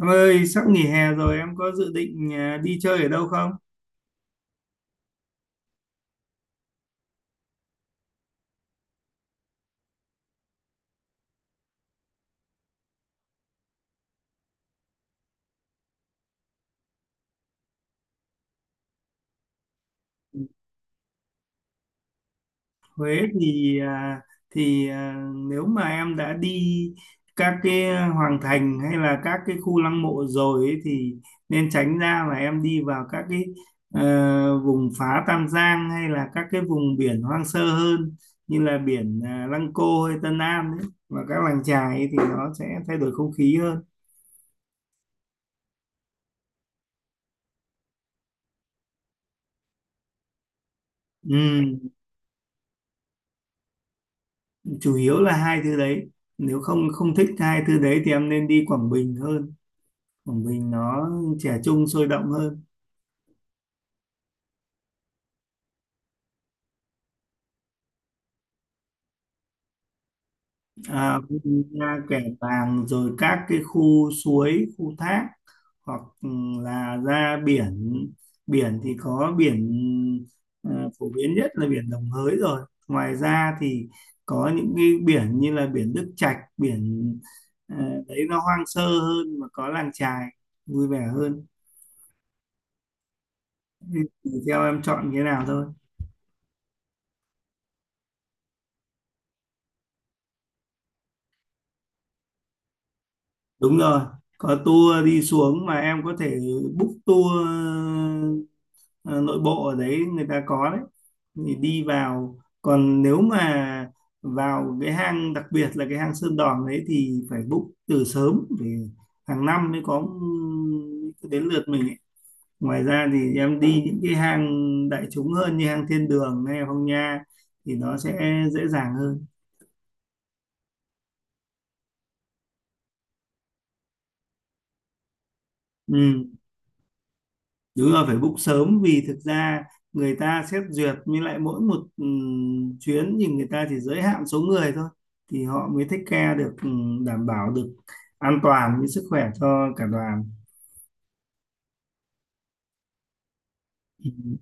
Em ơi, sắp nghỉ hè rồi em có dự định đi chơi ở đâu không? Huế thì nếu mà em đã đi các cái hoàng thành hay là các cái khu lăng mộ rồi ấy, thì nên tránh ra mà em đi vào các cái vùng phá Tam Giang hay là các cái vùng biển hoang sơ hơn như là biển Lăng Cô hay Tân An ấy và các làng chài ấy, thì nó sẽ thay đổi không khí hơn. Ừ. Chủ yếu là hai thứ đấy. Nếu không không thích hai thứ đấy thì em nên đi Quảng Bình hơn. Quảng Bình nó trẻ trung sôi động hơn, à, ra Kẻ Bàng rồi các cái khu suối khu thác, hoặc là ra biển. Biển thì có biển, à, phổ biến nhất là biển Đồng Hới. Rồi ngoài ra thì có những cái biển như là biển Đức Trạch, à, đấy nó hoang sơ hơn mà có làng chài vui vẻ hơn, thì theo em chọn cái nào thôi. Đúng rồi, có tour đi xuống mà em có thể book tour ờ, nội bộ ở đấy người ta có đấy. Thì đi vào, còn nếu mà vào cái hang đặc biệt là cái hang Sơn Đòn đấy thì phải book từ sớm, vì hàng năm mới có ừ, đến lượt mình ấy. Ngoài ra thì em đi những cái hang đại chúng hơn như hang Thiên Đường hay Phong Nha, thì nó sẽ dễ dàng hơn. Ừ. Đúng là phải book sớm, vì thực ra người ta xét duyệt, với lại mỗi một chuyến thì người ta chỉ giới hạn số người thôi, thì họ mới take care được, đảm bảo được an toàn với sức khỏe cho cả đoàn. Ừm,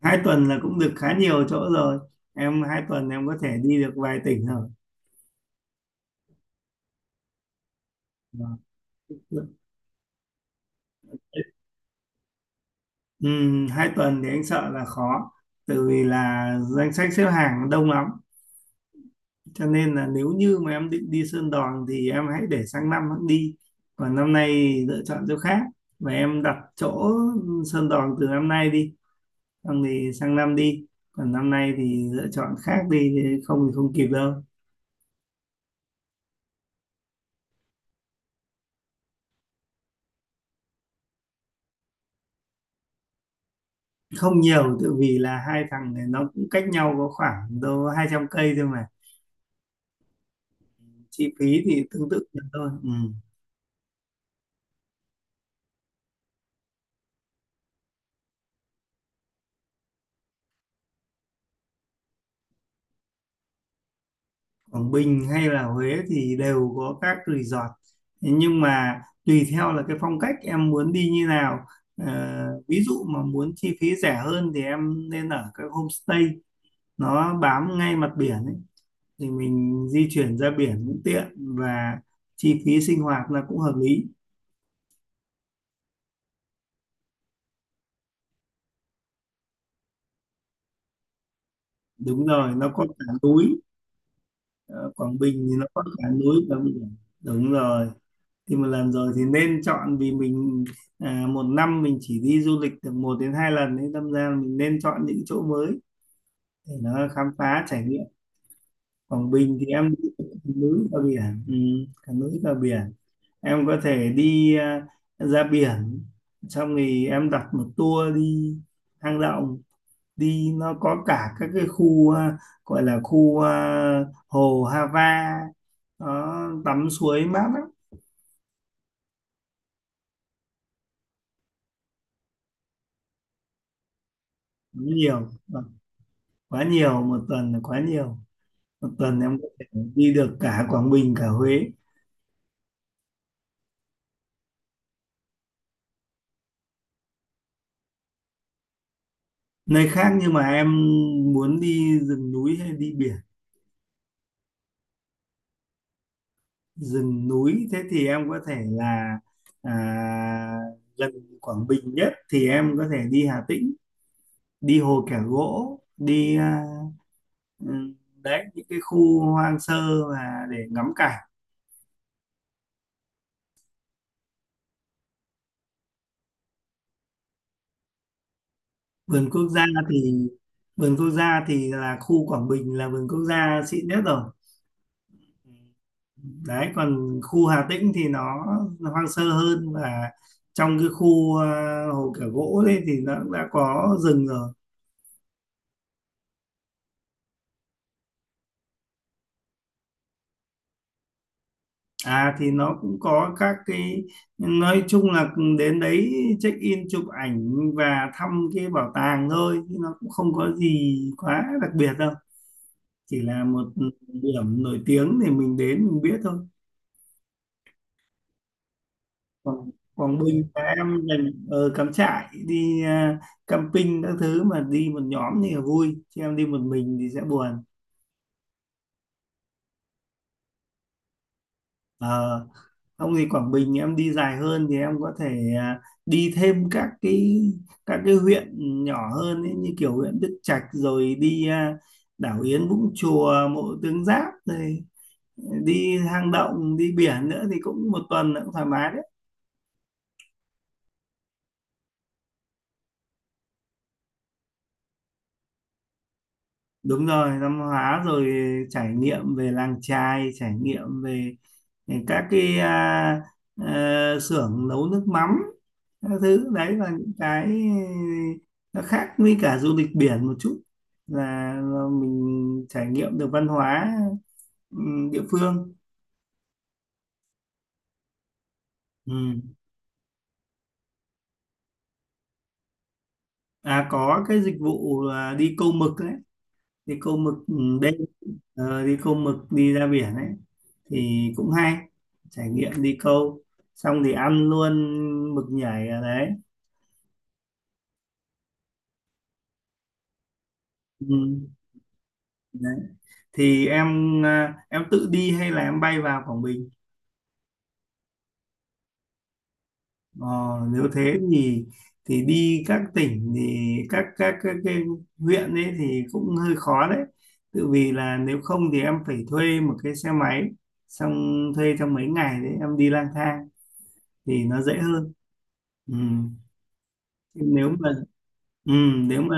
2 tuần là cũng được khá nhiều chỗ rồi. Em 2 tuần em có thể đi được vài tỉnh rồi. Vâng. Hai tuần thì anh sợ là khó, tại vì là danh sách xếp hàng đông lắm. Cho nên là nếu như mà em định đi Sơn Đoòng thì em hãy để sang năm hẵng đi, còn năm nay lựa chọn chỗ khác, và em đặt chỗ Sơn Đoòng từ năm nay đi, xong thì sang năm đi, còn năm nay thì lựa chọn khác đi, chứ không thì không kịp đâu. Không nhiều, tự vì là hai thằng này nó cũng cách nhau có khoảng đâu 200 cây thôi mà, chi phí thì tương tự nhau thôi ừ. Quảng Bình hay là Huế thì đều có các resort. Thế nhưng mà tùy theo là cái phong cách em muốn đi như nào. Ờ, Ví dụ mà muốn chi phí rẻ hơn thì em nên ở các homestay, nó bám ngay mặt biển ấy, thì mình di chuyển ra biển cũng tiện và chi phí sinh hoạt là cũng hợp lý. Đúng rồi, nó có cả núi. Ờ, Quảng Bình thì nó có cả núi và biển, đúng rồi. Thì một lần rồi thì nên chọn, vì mình một năm mình chỉ đi du lịch được 1 đến 2 lần, nên đâm ra mình nên chọn những chỗ mới để nó khám phá trải nghiệm. Quảng Bình thì em đi núi và biển, cả núi cả biển. Em có thể đi ra biển, xong thì em đặt một tour đi hang động, đi nó có cả các cái khu, gọi là khu hồ Hava, nó tắm suối mát lắm. Nhiều, quá nhiều. Một tuần là quá nhiều. Một tuần em có thể đi được cả Quảng Bình cả Huế. Nơi khác nhưng mà em muốn đi rừng núi hay đi biển? Rừng núi, thế thì em có thể là à, gần Quảng Bình nhất thì em có thể đi Hà Tĩnh, đi Hồ Kẻ Gỗ đi, ừ, đấy những cái khu hoang sơ mà để ngắm cảnh. Vườn quốc gia thì vườn quốc gia thì là khu Quảng Bình là vườn quốc gia xịn nhất rồi. Đấy còn khu Hà Tĩnh thì nó hoang sơ hơn, và trong cái khu hồ Kẻ Gỗ đấy thì nó cũng đã có rừng rồi. À thì nó cũng có các cái, nói chung là đến đấy check in chụp ảnh và thăm cái bảo tàng thôi, chứ nó cũng không có gì quá đặc biệt đâu, chỉ là một điểm nổi tiếng thì mình đến mình biết thôi. Quảng Bình và em mình ở Cắm Trại đi, camping các thứ, mà đi một nhóm thì là vui, chứ em đi một mình thì sẽ buồn. Ờ, ông thì Quảng Bình em đi dài hơn thì em có thể à, đi thêm các cái huyện nhỏ hơn ấy, như kiểu huyện Đức Trạch, rồi đi đảo Yến Vũng Chùa Mộ Tướng Giáp, rồi đi hang động đi biển nữa, thì cũng một tuần nữa cũng thoải mái. Đúng rồi, văn hóa, rồi trải nghiệm về làng chài, trải nghiệm về các cái, xưởng nấu nước mắm, các thứ đấy là những cái nó khác với cả du lịch biển một chút, là mình trải nghiệm được văn hóa ừ, địa phương. Ừ. À có cái dịch vụ là đi câu mực đấy, đi câu mực đêm. Đi câu mực đi ra biển ấy thì cũng hay, trải nghiệm đi câu, xong thì ăn luôn mực nhảy ở đấy ừ. Đấy thì em, em tự đi hay là em bay vào Quảng Bình? ờ, Nếu thế thì đi các tỉnh thì các cái huyện ấy thì cũng hơi khó đấy, tự vì là nếu không thì em phải thuê một cái xe máy, xong thuê trong mấy ngày đấy em đi lang thang thì nó dễ hơn ừ. Chứ ừ, nếu mà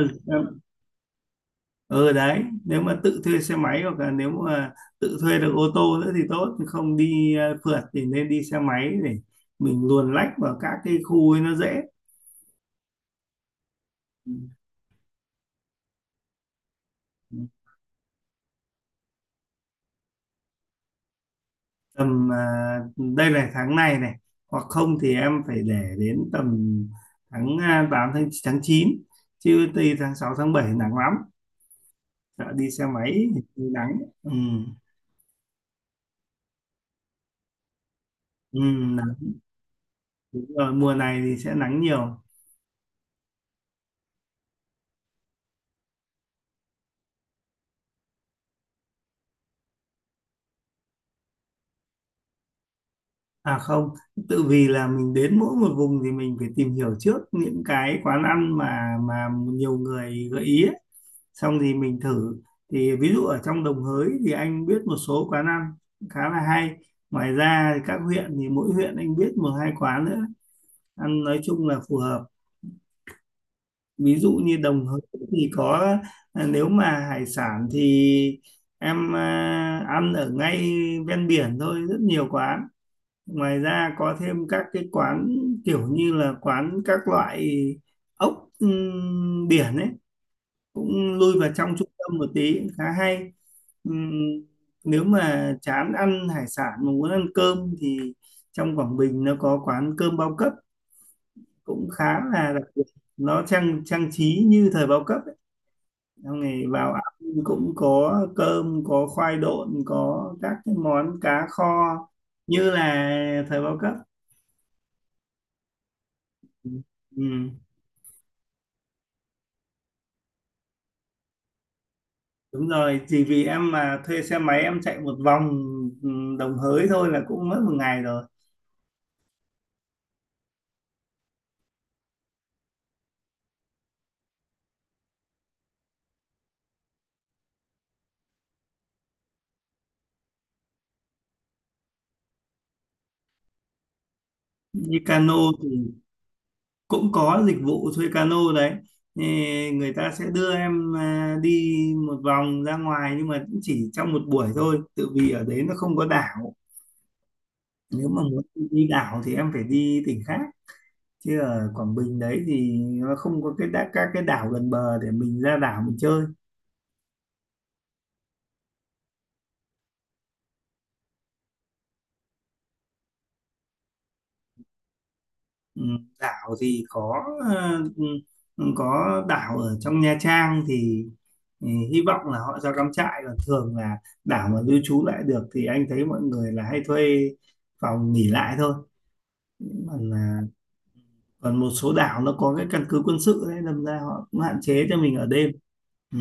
ừ đấy nếu mà tự thuê xe máy, hoặc là nếu mà tự thuê được ô tô nữa thì tốt, chứ không đi phượt thì nên đi xe máy để mình luồn lách vào các cái khu ấy nó dễ. Ừ. Tầm, đây là tháng này này, hoặc không thì em phải để đến tầm tháng 8 tháng tháng 9, chứ từ tháng 6 tháng 7 nắng lắm, sợ đi xe máy thì nắng. Ừ, ừ, nắng. Đúng rồi, mùa này thì sẽ nắng nhiều. À không, tự vì là mình đến mỗi một vùng thì mình phải tìm hiểu trước những cái quán ăn mà nhiều người gợi ý ấy. Xong thì mình thử. Thì ví dụ ở trong Đồng Hới thì anh biết một số quán ăn khá là hay. Ngoài ra thì các huyện thì mỗi huyện anh biết một hai quán nữa. Ăn nói chung là phù hợp. Ví dụ như Đồng Hới thì có, nếu mà hải sản thì em ăn ở ngay ven biển thôi, rất nhiều quán. Ngoài ra có thêm các cái quán kiểu như là quán các loại ốc, biển ấy, cũng lui vào trong trung tâm một tí cũng khá hay. Ừm, Nếu mà chán ăn hải sản mà muốn ăn cơm thì trong Quảng Bình nó có quán cơm bao cấp cũng khá là đặc biệt, nó trang trang trí như thời bao cấp ấy. Xong ngày vào ăn cũng có cơm, có khoai độn, có các cái món cá kho như là thời bao cấp. Ừ. Đúng rồi, chỉ vì em mà thuê xe máy em chạy một vòng ừ, Đồng Hới thôi là cũng mất một ngày rồi. Như cano thì cũng có dịch vụ thuê cano đấy. Thì người ta sẽ đưa em đi một vòng ra ngoài, nhưng mà cũng chỉ trong một buổi thôi. Tự vì ở đấy nó không có đảo. Nếu mà muốn đi đảo thì em phải đi tỉnh khác. Chứ ở Quảng Bình đấy thì nó không có các cái đảo gần bờ để mình ra đảo mình chơi. Ừ, đảo thì ờ, ừ, có đảo ở trong Nha Trang, thì ừ, hy vọng là họ cho cắm trại, còn thường là đảo mà lưu trú lại được thì anh thấy mọi người là hay thuê phòng nghỉ lại thôi, còn là còn một số đảo nó có cái căn cứ quân sự đấy, đâm ra họ cũng hạn chế cho mình ở đêm. Ừ,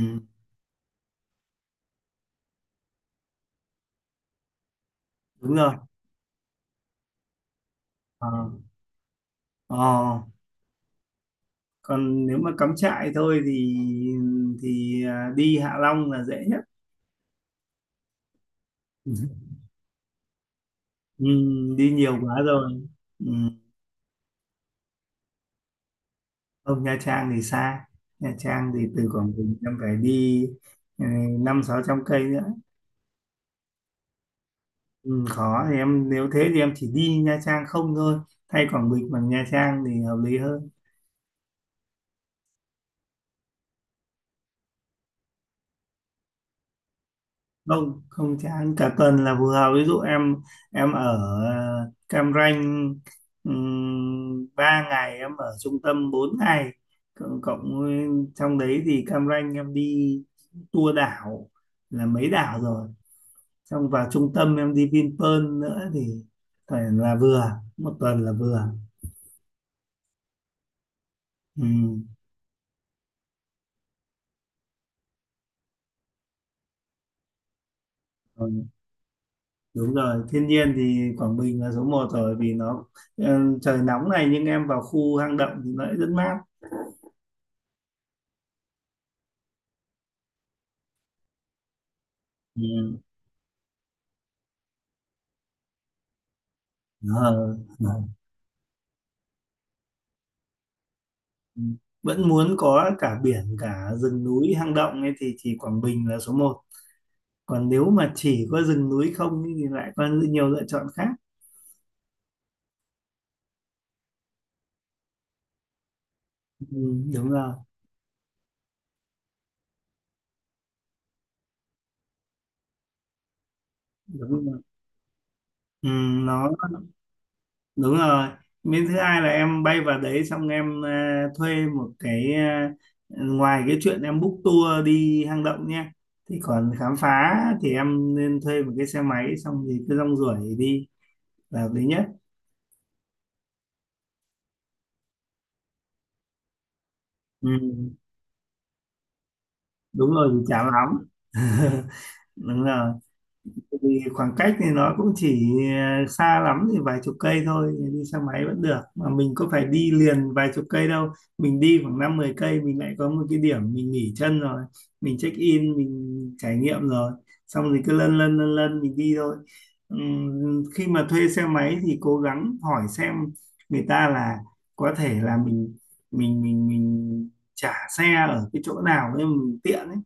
đúng rồi. Ờ, ờ. Còn nếu mà cắm trại thôi thì đi Hạ Long là dễ nhất. Ừ, đi nhiều quá rồi. Không, Nha Trang thì xa. Nha Trang thì từ Quảng Bình em phải đi, ừ, 500-600 cây nữa. Ừ, khó thì em nếu thế thì em chỉ đi Nha Trang không thôi. Thay Quảng Bình bằng Nha Trang thì hợp lý hơn. Không, không chán, cả tuần là phù hợp. Ví dụ em ở Cam Ranh 3 ngày, em ở trung tâm 4 ngày. Cộng, cộng với- trong đấy thì Cam Ranh em đi tour đảo là mấy đảo rồi, xong vào trung tâm em đi Vinpearl nữa thì phải là vừa, một tuần là vừa ừ. Rồi, đúng rồi, thiên nhiên thì Quảng Bình là số một rồi, vì nó, trời nóng này nhưng em vào khu hang động thì nó lại rất mát ừ. Ờ, ừ. Vẫn muốn có cả biển cả rừng núi hang động ấy thì chỉ Quảng Bình là số một, còn nếu mà chỉ có rừng núi không ấy thì lại có nhiều lựa chọn khác. ừ, Đúng rồi. Đúng rồi, ừ, nó đúng rồi. Miếng thứ hai là em bay vào đấy, xong em thuê một cái, ngoài cái chuyện em book tour đi hang động nha thì còn khám phá, thì em nên thuê một cái xe máy xong thì cứ rong ruổi đi là hợp lý nhất. ừ, Đúng rồi, thì chán lắm. Đúng rồi, vì khoảng cách thì nó cũng chỉ, xa lắm thì vài chục cây thôi, đi xe máy vẫn được mà mình có phải đi liền vài chục cây đâu, mình đi khoảng năm mười cây mình lại có một cái điểm mình nghỉ chân rồi, mình check in mình trải nghiệm rồi, xong rồi cứ lân lân lân lân mình đi thôi. Khi mà thuê xe máy thì cố gắng hỏi xem người ta là có thể là mình trả xe ở cái chỗ nào để mình tiện ấy,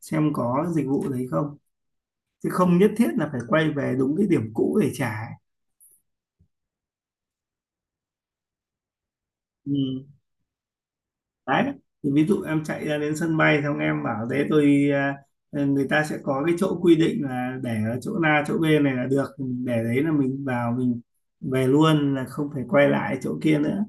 xem có dịch vụ đấy không, chứ không nhất thiết là phải quay về đúng cái điểm cũ để trả. Ừ. Đấy thì ví dụ em chạy ra đến sân bay xong em bảo thế tôi, người ta sẽ có cái chỗ quy định là để ở chỗ A chỗ B này là được, để đấy là mình vào mình về luôn là không phải quay lại chỗ kia nữa.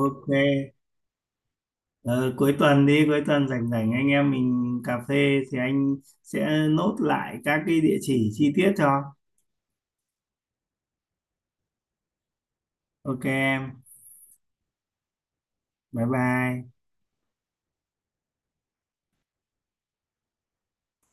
Ok. Ờ, cuối tuần đi, cuối tuần rảnh rảnh anh em mình cà phê thì anh sẽ nốt lại các cái địa chỉ chi tiết cho. Ok em, bye bye.